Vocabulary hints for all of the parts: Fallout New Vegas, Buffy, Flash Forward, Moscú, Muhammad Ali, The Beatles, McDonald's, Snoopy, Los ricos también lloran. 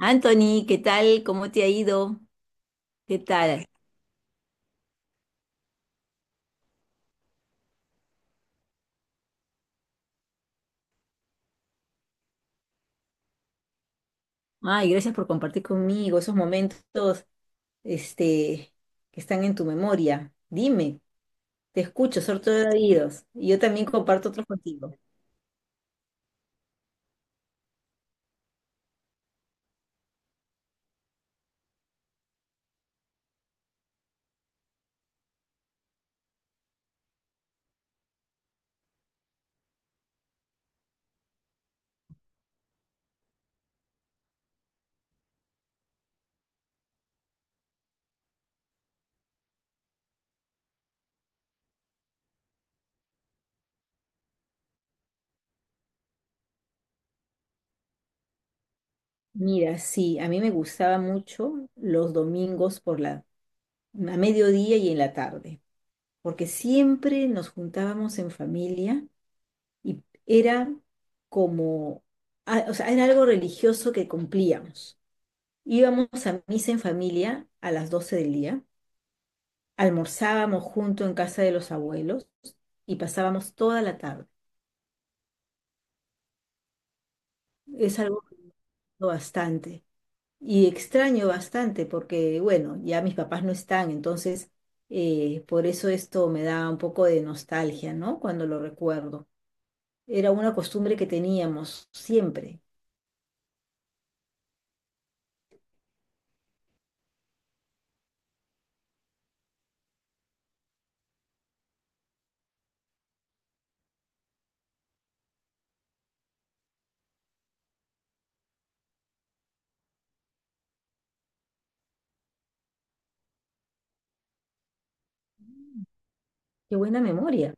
Anthony, ¿qué tal? ¿Cómo te ha ido? ¿Qué tal? Ay, gracias por compartir conmigo esos momentos, este, que están en tu memoria. Dime, te escucho, soy todo oídos. Y yo también comparto otros contigo. Mira, sí, a mí me gustaba mucho los domingos por la, a mediodía y en la tarde, porque siempre nos juntábamos en familia y era como, o sea, era algo religioso que cumplíamos. Íbamos a misa en familia a las 12 del día, almorzábamos junto en casa de los abuelos y pasábamos toda la tarde. Es algo bastante, y extraño bastante porque, bueno, ya mis papás no están, entonces por eso esto me da un poco de nostalgia, ¿no? Cuando lo recuerdo. Era una costumbre que teníamos siempre. Qué buena memoria.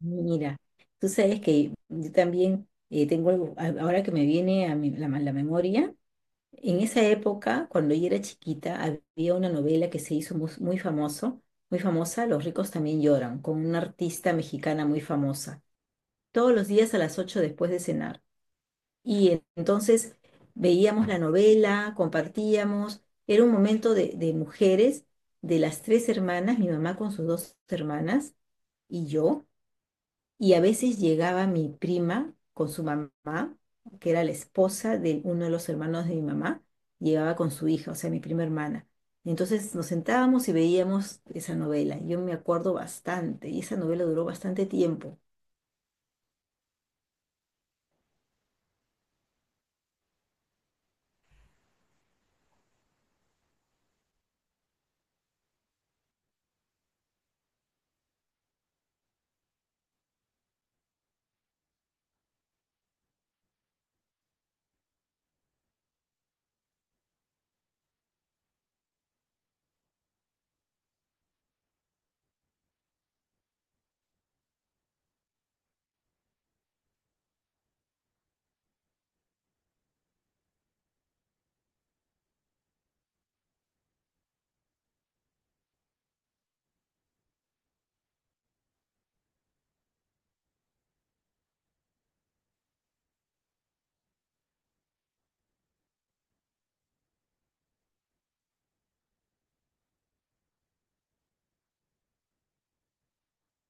Mira, tú sabes que yo también tengo algo, ahora que me viene a la memoria. En esa época, cuando yo era chiquita, había una novela que se hizo muy famosa, Los ricos también lloran, con una artista mexicana muy famosa, todos los días a las 8 después de cenar. Entonces veíamos la novela, compartíamos, era un momento de mujeres, de las tres hermanas, mi mamá con sus dos hermanas y yo, y a veces llegaba mi prima con su mamá, que era la esposa de uno de los hermanos de mi mamá, llegaba con su hija, o sea, mi prima hermana. Entonces nos sentábamos y veíamos esa novela. Yo me acuerdo bastante, y esa novela duró bastante tiempo.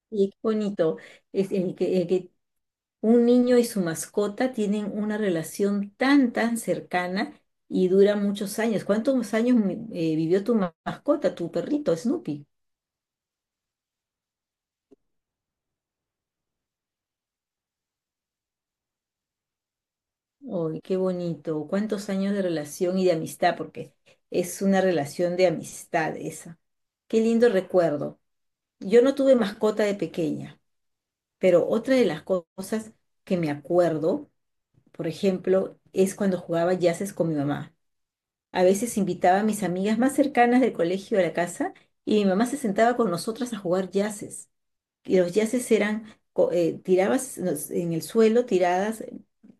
Y qué bonito es el que un niño y su mascota tienen una relación tan, tan cercana y dura muchos años. ¿Cuántos años vivió tu mascota, tu perrito, Snoopy? Uy, qué bonito. ¿Cuántos años de relación y de amistad? Porque es una relación de amistad esa. Qué lindo recuerdo. Yo no tuve mascota de pequeña, pero otra de las cosas que me acuerdo, por ejemplo, es cuando jugaba jazzes con mi mamá. A veces invitaba a mis amigas más cercanas del colegio a la casa y mi mamá se sentaba con nosotras a jugar jazzes, y los yaces eran, en el suelo, tiradas,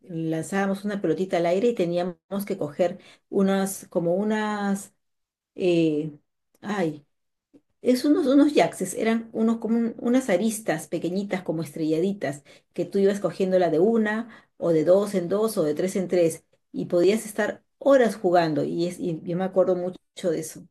lanzábamos una pelotita al aire y teníamos que coger unas, como unas, eh, ay, es unos, unos yaces, eran unos como unas aristas pequeñitas, como estrelladitas, que tú ibas cogiéndola de una, o de dos en dos, o de tres en tres, y podías estar horas jugando, y, es, y yo me acuerdo mucho de eso.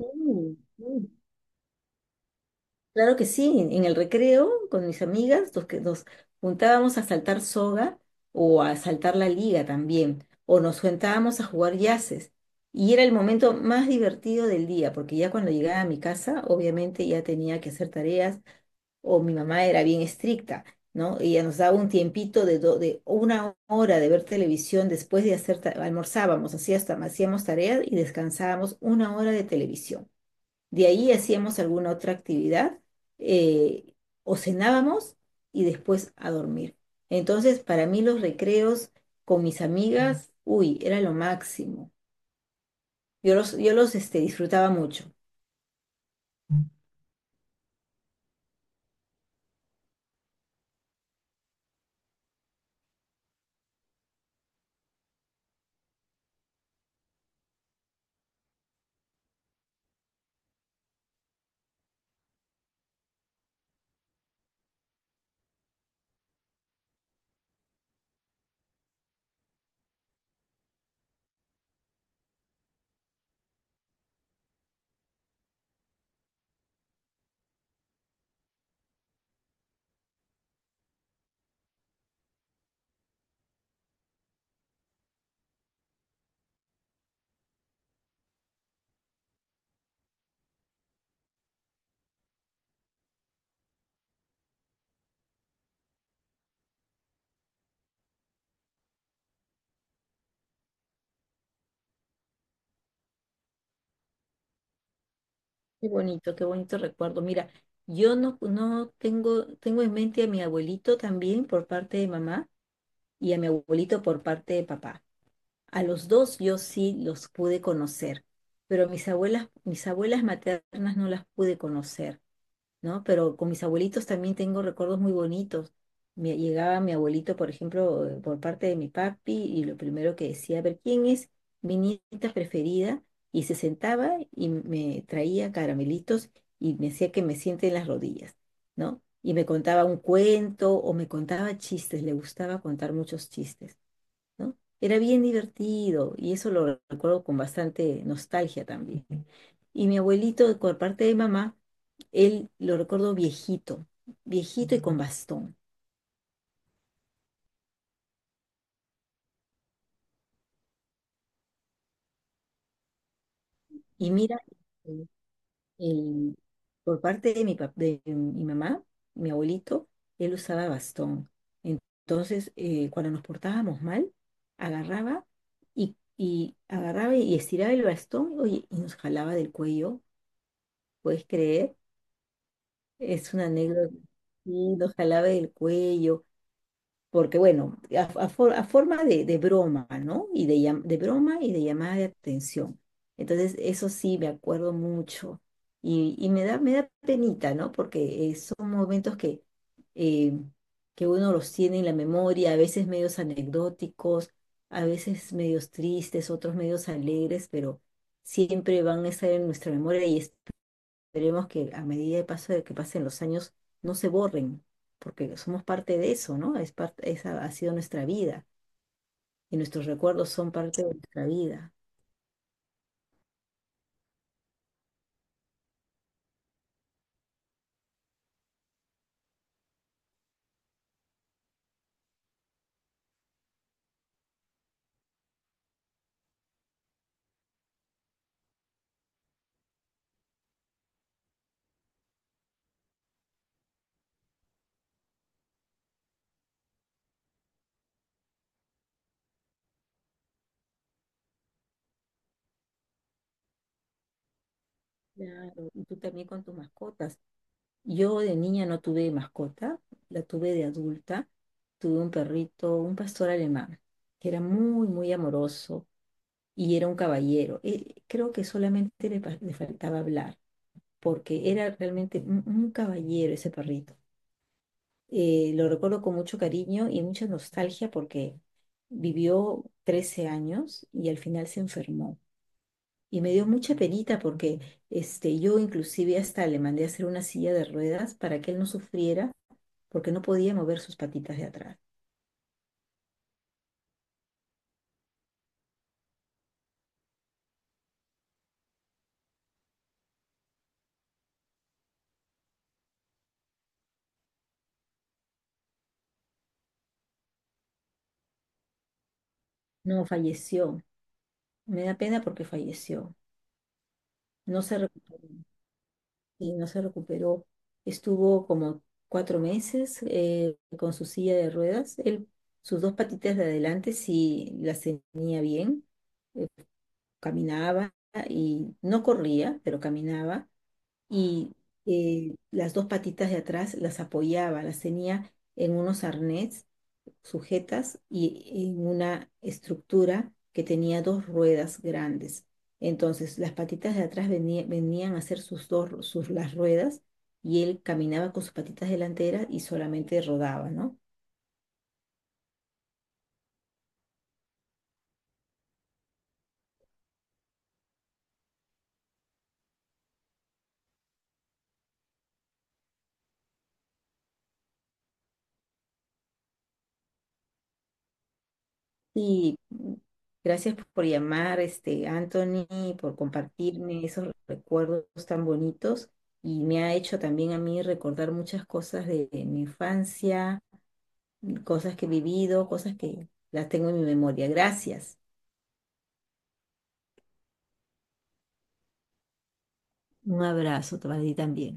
Mm, mm. Claro que sí, en el recreo con mis amigas nos, nos juntábamos a saltar soga, o a saltar la liga también, o nos juntábamos a jugar yaces. Y era el momento más divertido del día, porque ya cuando llegaba a mi casa, obviamente ya tenía que hacer tareas, o mi mamá era bien estricta, ¿no? Ella nos daba un tiempito de, de una hora de ver televisión. Después de hacer, almorzábamos, así hasta hacíamos tareas y descansábamos una hora de televisión. De ahí hacíamos alguna otra actividad, eh, o cenábamos y después a dormir. Entonces, para mí los recreos con mis amigas, uy, era lo máximo. Yo los disfrutaba mucho. Qué bonito recuerdo. Mira, yo no, no tengo, tengo en mente a mi abuelito también por parte de mamá y a mi abuelito por parte de papá. A los dos yo sí los pude conocer, pero mis abuelas maternas no las pude conocer. ¿No? Pero con mis abuelitos también tengo recuerdos muy bonitos. Me, llegaba mi abuelito, por ejemplo, por parte de mi papi, y lo primero que decía, a ver, ¿quién es mi nieta preferida? Y se sentaba y me traía caramelitos y me decía que me siente en las rodillas, ¿no? Y me contaba un cuento o me contaba chistes, le gustaba contar muchos chistes. ¿No? Era bien divertido y eso lo recuerdo con bastante nostalgia también. Y mi abuelito, por parte de mamá, él lo recuerdo viejito, viejito y con bastón. Y mira, el- el- por parte de mi, de mi mamá, mi abuelito, él usaba bastón. Entonces, cuando nos portábamos mal, agarraba y agarraba y estiraba el bastón, oye, y nos jalaba del cuello, ¿puedes creer? Es una anécdota, sí, lo jalaba del cuello, porque bueno, a forma de broma, ¿no? Y de, de broma y de llamada de atención. Entonces, eso sí, me acuerdo mucho. Y me da penita, ¿no? Porque son momentos eh, que uno los tiene en la memoria, a veces medios anecdóticos, a veces medios tristes, otros medios alegres, pero siempre van a estar en nuestra memoria. Y esperemos que a medida de paso de que pasen los años no se borren, porque somos parte de eso, ¿no? Es parte, esa ha sido nuestra vida y nuestros recuerdos son parte de nuestra vida. Claro, y tú también con tus mascotas. Yo de niña no tuve mascota, la tuve de adulta. Tuve un perrito, un pastor alemán, que era muy, muy amoroso y era un caballero. Creo que solamente le, le faltaba hablar, porque era realmente un caballero ese perrito. Lo recuerdo con mucho cariño y mucha nostalgia porque vivió 13 años y al final se enfermó. Y me dio mucha penita porque yo inclusive hasta le mandé a hacer una silla de ruedas para que él no sufriera, porque no podía mover sus patitas de atrás. No, falleció. Me da pena porque falleció. No se, recu- y no se recuperó. Estuvo como 4 meses con su silla de ruedas. Él, sus dos patitas de adelante sí las tenía bien, caminaba y no corría, pero caminaba, y las dos patitas de atrás las apoyaba, las tenía en unos arnés sujetas y en una estructura que tenía dos ruedas grandes. Entonces las patitas de atrás venían a hacer sus dos, sus, las ruedas, y él caminaba con sus patitas delanteras y solamente rodaba, ¿no? Y gracias por llamar, Anthony, por compartirme esos recuerdos tan bonitos y me ha hecho también a mí recordar muchas cosas de mi infancia, cosas que he vivido, cosas que las tengo en mi memoria. Gracias. Un abrazo para ti también.